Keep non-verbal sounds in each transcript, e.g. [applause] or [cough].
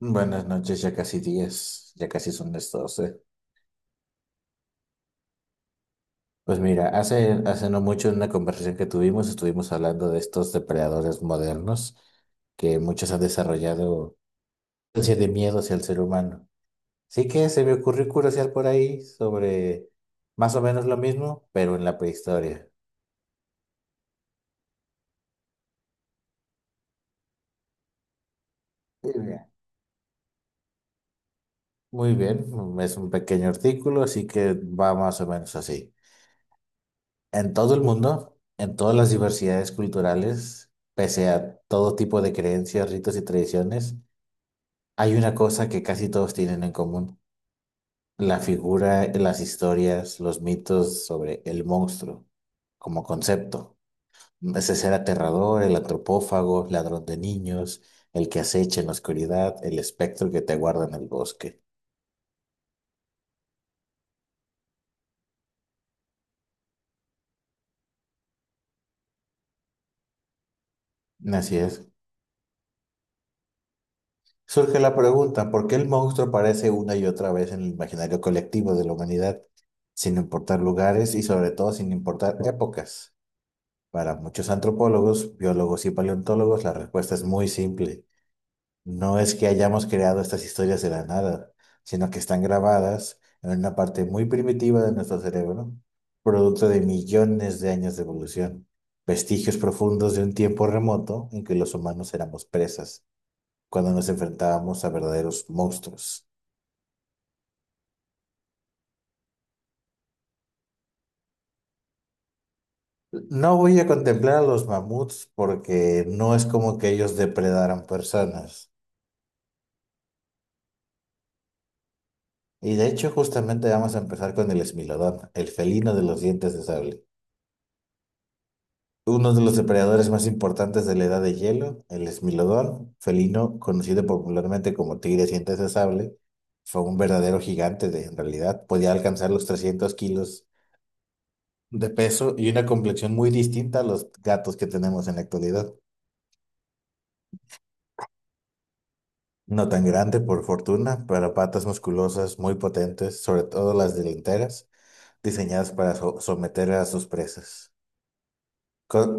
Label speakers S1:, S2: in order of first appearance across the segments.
S1: Buenas noches, ya casi 10, ya casi son las 12. Pues mira, hace no mucho en una conversación que tuvimos estuvimos hablando de estos depredadores modernos que muchos han desarrollado ansia de miedo hacia el ser humano. Así que se me ocurrió curiosear por ahí sobre más o menos lo mismo, pero en la prehistoria. Muy bien. Muy bien, es un pequeño artículo, así que va más o menos así. En todo el mundo, en todas las diversidades culturales, pese a todo tipo de creencias, ritos y tradiciones, hay una cosa que casi todos tienen en común, la figura, las historias, los mitos sobre el monstruo como concepto. Ese ser aterrador, el antropófago, ladrón de niños, el que acecha en la oscuridad, el espectro que te guarda en el bosque. Así es. Surge la pregunta, ¿por qué el monstruo aparece una y otra vez en el imaginario colectivo de la humanidad, sin importar lugares y sobre todo sin importar épocas? Para muchos antropólogos, biólogos y paleontólogos, la respuesta es muy simple. No es que hayamos creado estas historias de la nada, sino que están grabadas en una parte muy primitiva de nuestro cerebro, producto de millones de años de evolución, vestigios profundos de un tiempo remoto en que los humanos éramos presas cuando nos enfrentábamos a verdaderos monstruos. No voy a contemplar a los mamuts porque no es como que ellos depredaran personas. Y de hecho, justamente vamos a empezar con el esmilodón, el felino de los dientes de sable. Uno de los depredadores más importantes de la Edad de Hielo, el esmilodón, felino conocido popularmente como tigre de dientes de sable, fue un verdadero gigante de, en realidad. Podía alcanzar los 300 kilos de peso y una complexión muy distinta a los gatos que tenemos en la actualidad. No tan grande, por fortuna, pero patas musculosas muy potentes, sobre todo las delanteras, diseñadas para someter a sus presas. Con-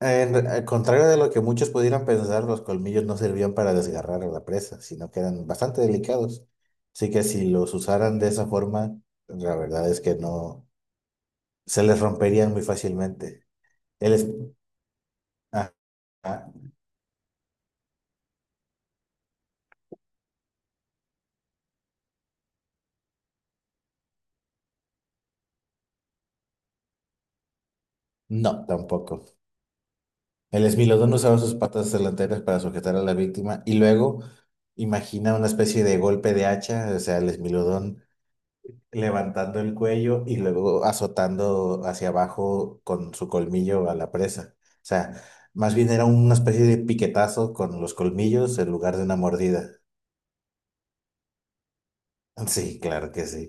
S1: al contrario de lo que muchos pudieran pensar, los colmillos no servían para desgarrar a la presa, sino que eran bastante delicados. Así que si los usaran de esa forma, la verdad es que no se les romperían muy fácilmente. El es- ah, ah, No, tampoco. El esmilodón usaba sus patas delanteras para sujetar a la víctima y luego imagina una especie de golpe de hacha, o sea, el esmilodón levantando el cuello y luego azotando hacia abajo con su colmillo a la presa. O sea, más bien era una especie de piquetazo con los colmillos en lugar de una mordida. Sí, claro que sí.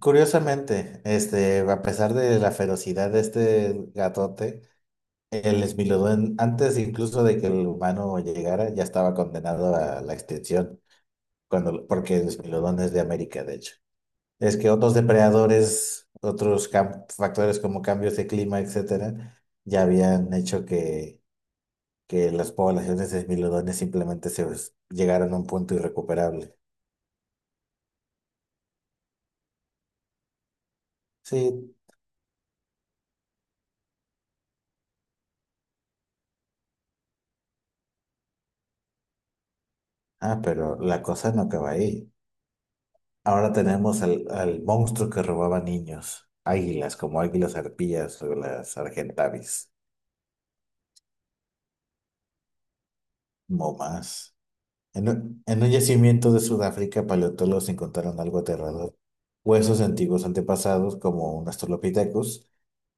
S1: Curiosamente, este, a pesar de la ferocidad de este gatote, el Smilodón, antes incluso de que el humano llegara, ya estaba condenado a la extinción, cuando, porque el Smilodón es de América, de hecho. Es que otros depredadores, otros factores como cambios de clima, etcétera, ya habían hecho que las poblaciones de Smilodones simplemente llegaran a un punto irrecuperable. Sí, ah, pero la cosa no acaba ahí. Ahora tenemos al monstruo que robaba niños, águilas, como águilas arpías o las argentavis. No más. En un yacimiento de Sudáfrica, paleontólogos encontraron algo aterrador. Huesos de antiguos antepasados, como un Australopithecus,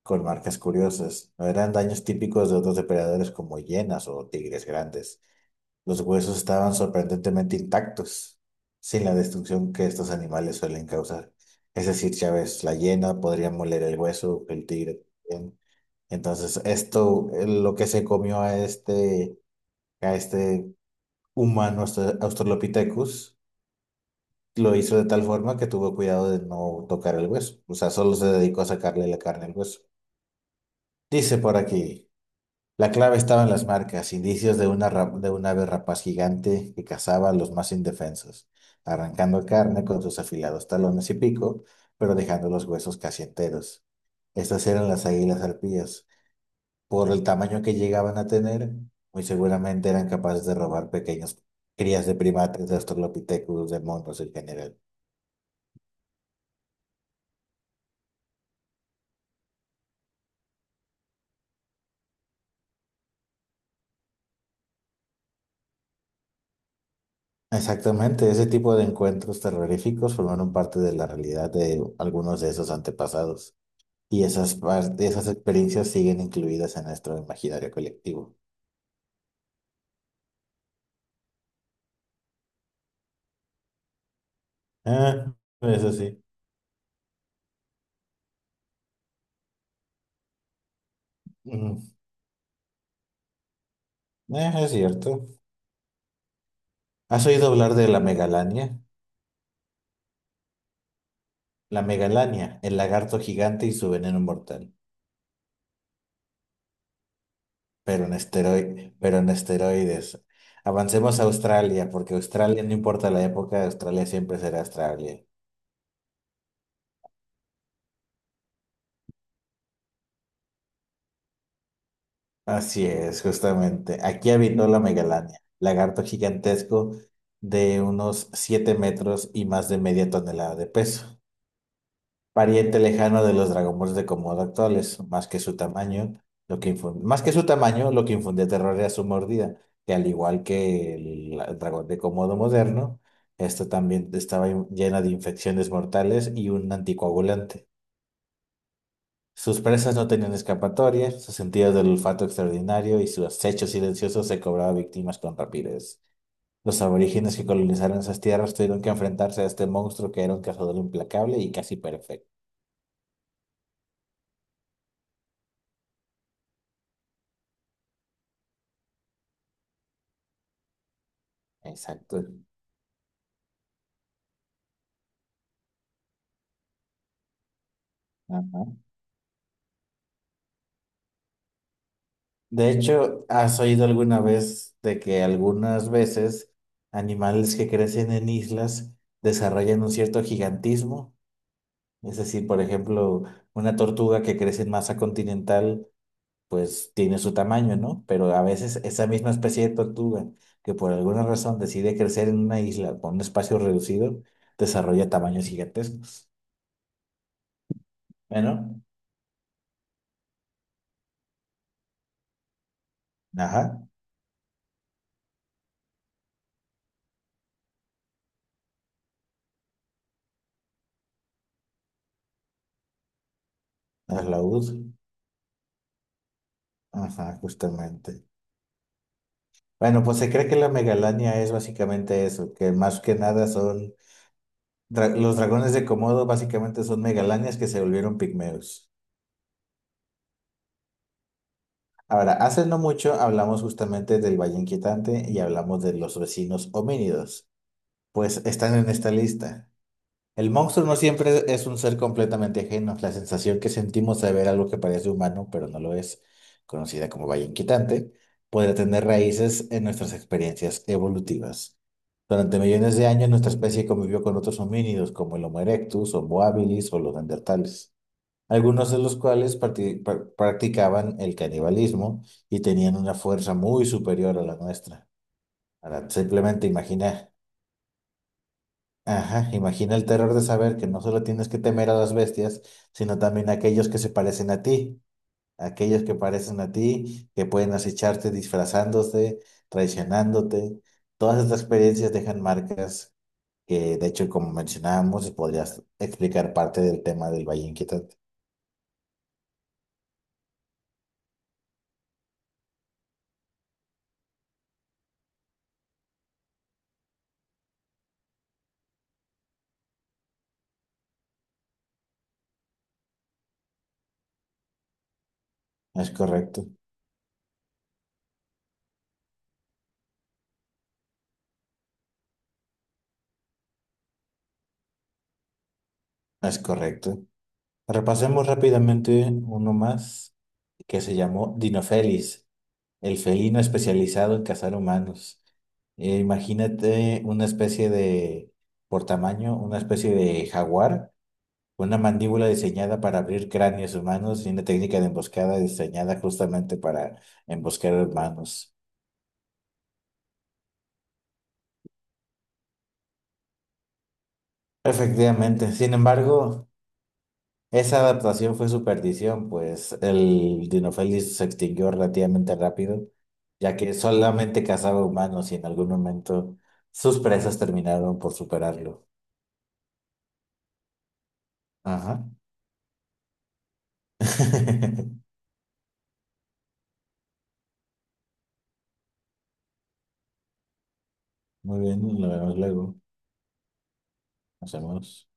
S1: con marcas curiosas. No eran daños típicos de otros depredadores como hienas o tigres grandes. Los huesos estaban sorprendentemente intactos, sin la destrucción que estos animales suelen causar. Es decir, ya ves, la hiena podría moler el hueso, el tigre también. Entonces, esto, lo que se comió a este humano Australopithecus lo hizo de tal forma que tuvo cuidado de no tocar el hueso. O sea, solo se dedicó a sacarle la carne al hueso. Dice por aquí, la clave estaba en las marcas, indicios de una, de un ave rapaz gigante que cazaba a los más indefensos, arrancando carne con sus afilados talones y pico, pero dejando los huesos casi enteros. Estas eran las águilas arpías. Por el tamaño que llegaban a tener, muy seguramente eran capaces de robar pequeñas crías de primates, de australopithecus, de monos en general. Exactamente, ese tipo de encuentros terroríficos formaron parte de la realidad de algunos de esos antepasados. Y esas, esas experiencias siguen incluidas en nuestro imaginario colectivo. Ah, eso sí. Mm, es cierto. ¿Has oído hablar de la megalania? La megalania, el lagarto gigante y su veneno mortal. Pero en esteroides, pero en esteroides. Avancemos a Australia, porque Australia, no importa la época, Australia siempre será Australia. Así es, justamente. Aquí habitó la megalania, lagarto gigantesco de unos 7 metros y más de media tonelada de peso, pariente lejano de los dragones de Komodo actuales. Más que su tamaño, lo que más que su tamaño, lo que infundía terror era su mordida, que al igual que el dragón de Komodo moderno, esto también estaba llena de infecciones mortales y un anticoagulante. Sus presas no tenían escapatoria, su sentido del olfato extraordinario y su acecho silencioso se cobraba víctimas con rapidez. Los aborígenes que colonizaron esas tierras tuvieron que enfrentarse a este monstruo que era un cazador implacable y casi perfecto. Exacto. Ajá. De hecho, ¿has oído alguna vez de que algunas veces animales que crecen en islas desarrollan un cierto gigantismo? Es decir, por ejemplo, una tortuga que crece en masa continental, pues tiene su tamaño, ¿no? Pero a veces esa misma especie de tortuga que por alguna razón decide crecer en una isla con un espacio reducido, desarrolla tamaños gigantescos. Bueno, ajá, la laúd, ajá, justamente. Bueno, pues se cree que la megalania es básicamente eso, que más que nada son los dragones de Komodo básicamente son megalanias que se volvieron pigmeos. Ahora, hace no mucho hablamos justamente del Valle Inquietante y hablamos de los vecinos homínidos, pues están en esta lista. El monstruo no siempre es un ser completamente ajeno. La sensación que sentimos de ver algo que parece humano, pero no lo es, conocida como valla inquietante, podría tener raíces en nuestras experiencias evolutivas. Durante millones de años, nuestra especie convivió con otros homínidos como el Homo erectus, Homo habilis o los neandertales, algunos de los cuales practicaban el canibalismo y tenían una fuerza muy superior a la nuestra. Ahora, simplemente imagina. Ajá, imagina el terror de saber que no solo tienes que temer a las bestias, sino también a aquellos que se parecen a ti, aquellos que parecen a ti, que pueden acecharte disfrazándose, traicionándote. Todas estas experiencias dejan marcas que, de hecho, como mencionábamos, podrías explicar parte del tema del Valle Inquietante. Es correcto, es correcto. Repasemos rápidamente uno más que se llamó Dinofelis. El felino especializado en cazar humanos. Imagínate una especie de, por tamaño, una especie de jaguar, con una mandíbula diseñada para abrir cráneos humanos y una técnica de emboscada diseñada justamente para emboscar humanos. Efectivamente, sin embargo, esa adaptación fue su perdición, pues el Dinofelis se extinguió relativamente rápido, ya que solamente cazaba humanos y en algún momento sus presas terminaron por superarlo. Ajá. [laughs] Muy bien, lo vemos luego. Nos vemos.